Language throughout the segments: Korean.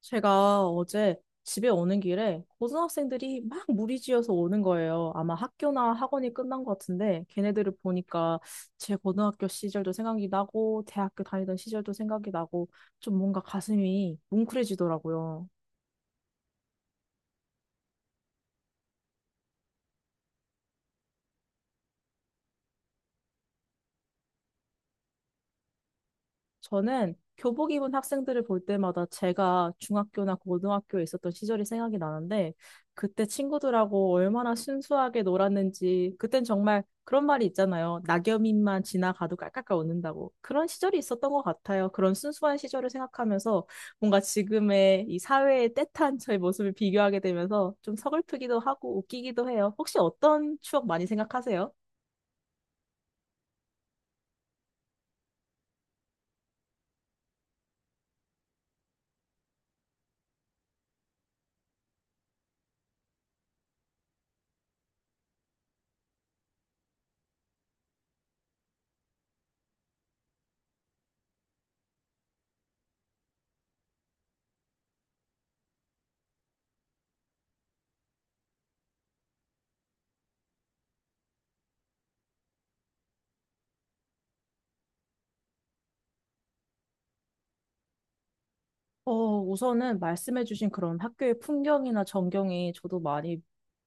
제가 어제 집에 오는 길에 고등학생들이 막 무리지어서 오는 거예요. 아마 학교나 학원이 끝난 것 같은데 걔네들을 보니까 제 고등학교 시절도 생각이 나고 대학교 다니던 시절도 생각이 나고 좀 뭔가 가슴이 뭉클해지더라고요. 저는 교복 입은 학생들을 볼 때마다 제가 중학교나 고등학교에 있었던 시절이 생각이 나는데 그때 친구들하고 얼마나 순수하게 놀았는지 그땐 정말 그런 말이 있잖아요. 낙엽잎만 지나가도 깔깔깔 웃는다고. 그런 시절이 있었던 것 같아요. 그런 순수한 시절을 생각하면서 뭔가 지금의 이 사회의 떼탄 저의 모습을 비교하게 되면서 좀 서글프기도 하고 웃기기도 해요. 혹시 어떤 추억 많이 생각하세요? 우선은 말씀해주신 그런 학교의 풍경이나 전경이 저도 많이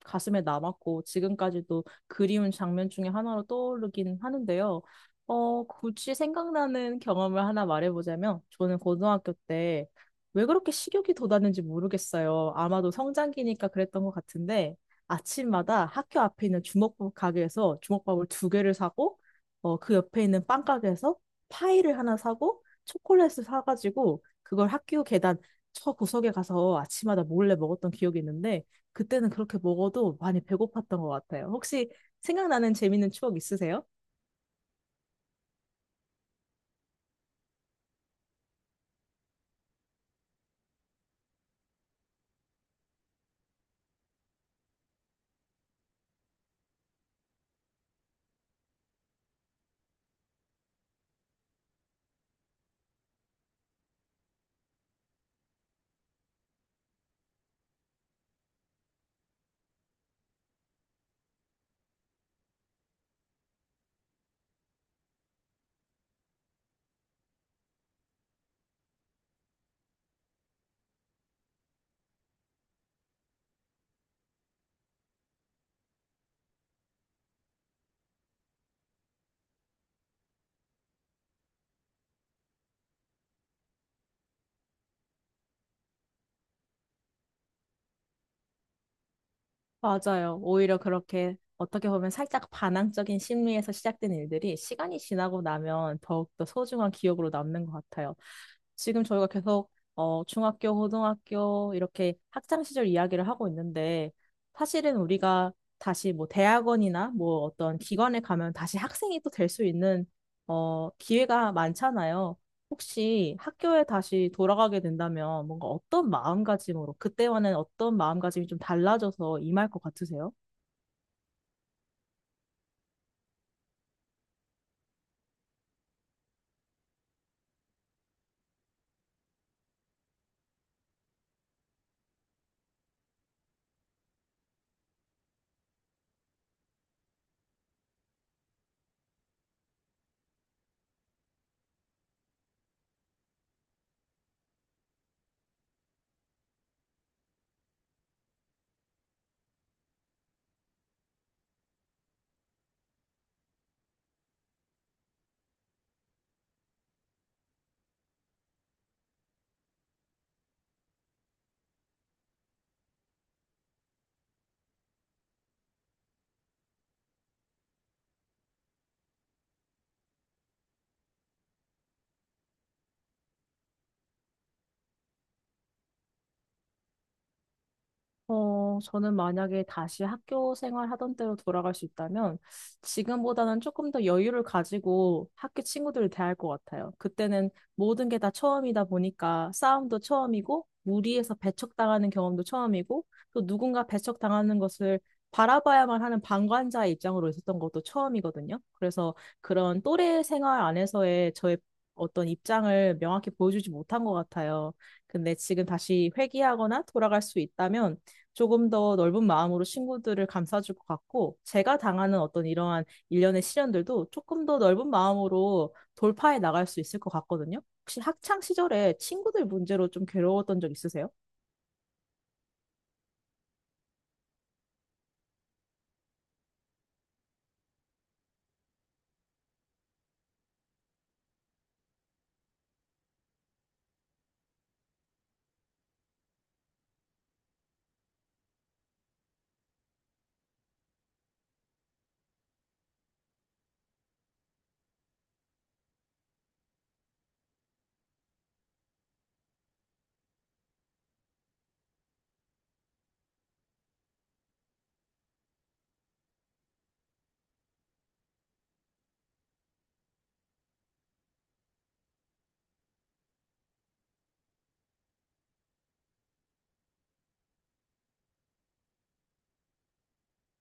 가슴에 남았고, 지금까지도 그리운 장면 중에 하나로 떠오르긴 하는데요. 굳이 생각나는 경험을 하나 말해보자면, 저는 고등학교 때 왜 그렇게 식욕이 돋았는지 모르겠어요. 아마도 성장기니까 그랬던 것 같은데, 아침마다 학교 앞에 있는 주먹밥 가게에서 주먹밥을 두 개를 사고, 그 옆에 있는 빵 가게에서 파이를 하나 사고, 초콜릿을 사가지고, 그걸 학교 계단 저 구석에 가서 아침마다 몰래 먹었던 기억이 있는데 그때는 그렇게 먹어도 많이 배고팠던 것 같아요. 혹시 생각나는 재밌는 추억 있으세요? 맞아요. 오히려 그렇게 어떻게 보면 살짝 반항적인 심리에서 시작된 일들이 시간이 지나고 나면 더욱더 소중한 기억으로 남는 것 같아요. 지금 저희가 계속 중학교, 고등학교 이렇게 학창 시절 이야기를 하고 있는데 사실은 우리가 다시 뭐 대학원이나 뭐 어떤 기관에 가면 다시 학생이 또 될 수 있는 기회가 많잖아요. 혹시 학교에 다시 돌아가게 된다면 뭔가 어떤 마음가짐으로, 그때와는 어떤 마음가짐이 좀 달라져서 임할 것 같으세요? 저는 만약에 다시 학교 생활 하던 때로 돌아갈 수 있다면 지금보다는 조금 더 여유를 가지고 학교 친구들을 대할 것 같아요. 그때는 모든 게 다 처음이다 보니까 싸움도 처음이고 무리해서 배척당하는 경험도 처음이고 또 누군가 배척당하는 것을 바라봐야만 하는 방관자의 입장으로 있었던 것도 처음이거든요. 그래서 그런 또래 생활 안에서의 저의 어떤 입장을 명확히 보여주지 못한 것 같아요. 근데 지금 다시 회귀하거나 돌아갈 수 있다면 조금 더 넓은 마음으로 친구들을 감싸줄 것 같고, 제가 당하는 어떤 이러한 일련의 시련들도 조금 더 넓은 마음으로 돌파해 나갈 수 있을 것 같거든요. 혹시 학창 시절에 친구들 문제로 좀 괴로웠던 적 있으세요?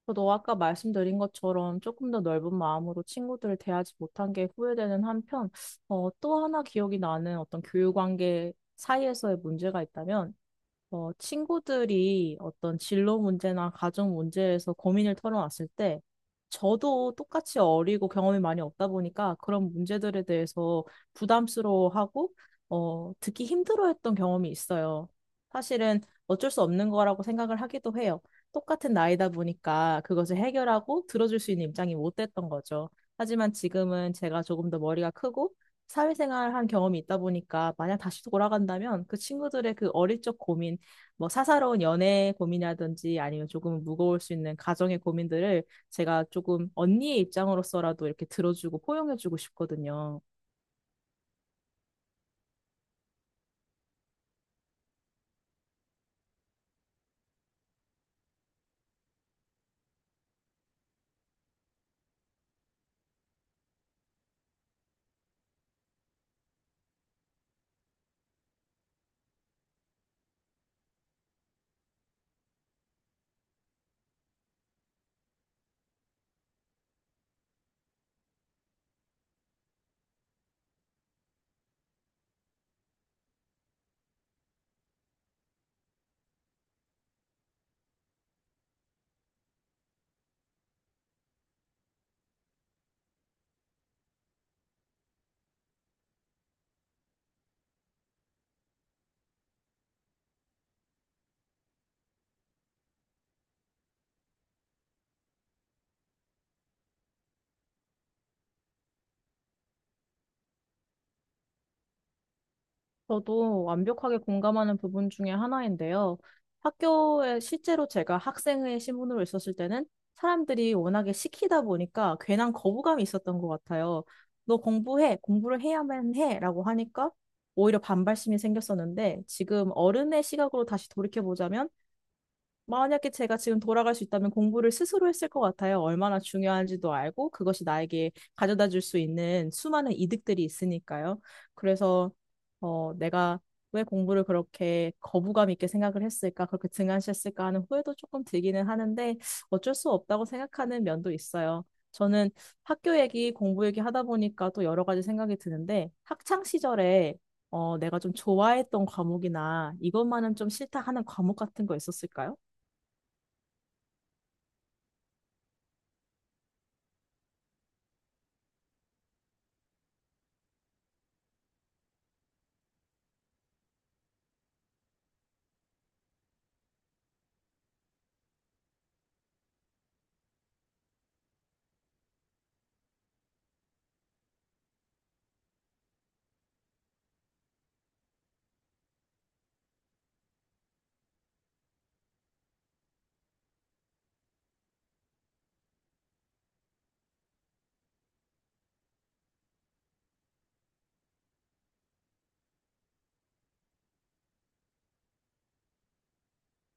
저도 아까 말씀드린 것처럼 조금 더 넓은 마음으로 친구들을 대하지 못한 게 후회되는 한편, 또 하나 기억이 나는 어떤 교육 관계 사이에서의 문제가 있다면, 친구들이 어떤 진로 문제나 가정 문제에서 고민을 털어놨을 때, 저도 똑같이 어리고 경험이 많이 없다 보니까 그런 문제들에 대해서 부담스러워하고, 듣기 힘들어했던 경험이 있어요. 사실은 어쩔 수 없는 거라고 생각을 하기도 해요. 똑같은 나이다 보니까 그것을 해결하고 들어줄 수 있는 입장이 못 됐던 거죠. 하지만 지금은 제가 조금 더 머리가 크고, 사회생활 한 경험이 있다 보니까 만약 다시 돌아간다면 그 친구들의 그 어릴 적 고민 뭐 사사로운 연애 고민이라든지 아니면 조금 무거울 수 있는 가정의 고민들을 제가 조금 언니의 입장으로서라도 이렇게 들어주고 포용해주고 싶거든요. 저도 완벽하게 공감하는 부분 중에 하나인데요. 학교에 실제로 제가 학생의 신분으로 있었을 때는 사람들이 워낙에 시키다 보니까 괜한 거부감이 있었던 것 같아요. 너 공부해, 공부를 해야만 해 라고 하니까 오히려 반발심이 생겼었는데 지금 어른의 시각으로 다시 돌이켜보자면 만약에 제가 지금 돌아갈 수 있다면 공부를 스스로 했을 것 같아요. 얼마나 중요한지도 알고 그것이 나에게 가져다 줄 수 있는 수많은 이득들이 있으니까요. 그래서 내가 왜 공부를 그렇게 거부감 있게 생각을 했을까, 그렇게 등한시했을까 하는 후회도 조금 들기는 하는데 어쩔 수 없다고 생각하는 면도 있어요. 저는 학교 얘기, 공부 얘기 하다 보니까 또 여러 가지 생각이 드는데 학창 시절에 내가 좀 좋아했던 과목이나 이것만은 좀 싫다 하는 과목 같은 거 있었을까요?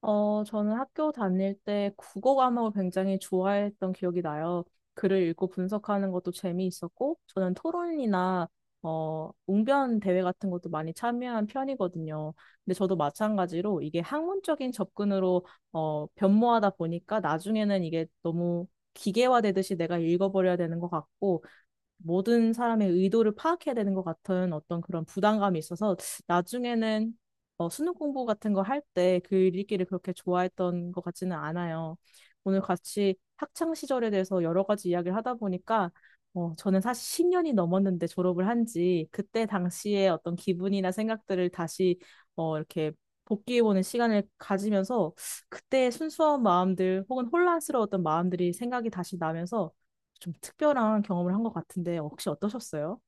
저는 학교 다닐 때 국어 과목을 굉장히 좋아했던 기억이 나요. 글을 읽고 분석하는 것도 재미있었고, 저는 토론이나 웅변 대회 같은 것도 많이 참여한 편이거든요. 근데 저도 마찬가지로 이게 학문적인 접근으로 변모하다 보니까 나중에는 이게 너무 기계화되듯이 내가 읽어버려야 되는 것 같고, 모든 사람의 의도를 파악해야 되는 것 같은 어떤 그런 부담감이 있어서 나중에는 수능 공부 같은 거 할 때 글 읽기를 그렇게 좋아했던 것 같지는 않아요. 오늘 같이 학창 시절에 대해서 여러 가지 이야기를 하다 보니까 저는 사실 10년이 넘었는데 졸업을 한지 그때 당시의 어떤 기분이나 생각들을 다시 이렇게 복귀해보는 시간을 가지면서 그때의 순수한 마음들 혹은 혼란스러웠던 마음들이 생각이 다시 나면서 좀 특별한 경험을 한 것 같은데 혹시 어떠셨어요?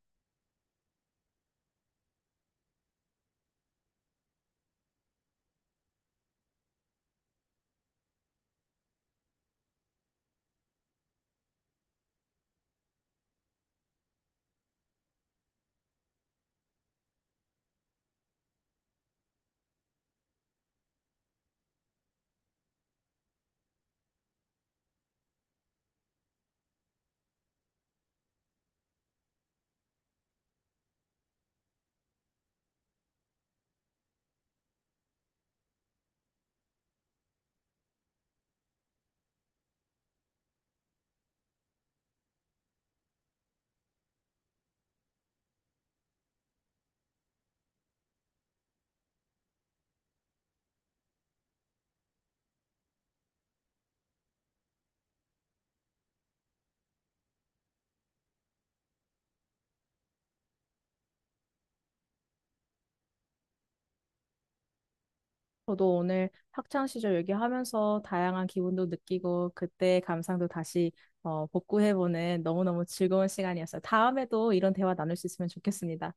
저도 오늘 학창 시절 얘기하면서 다양한 기분도 느끼고 그때 감상도 다시 복구해보는 너무너무 즐거운 시간이었어요. 다음에도 이런 대화 나눌 수 있으면 좋겠습니다.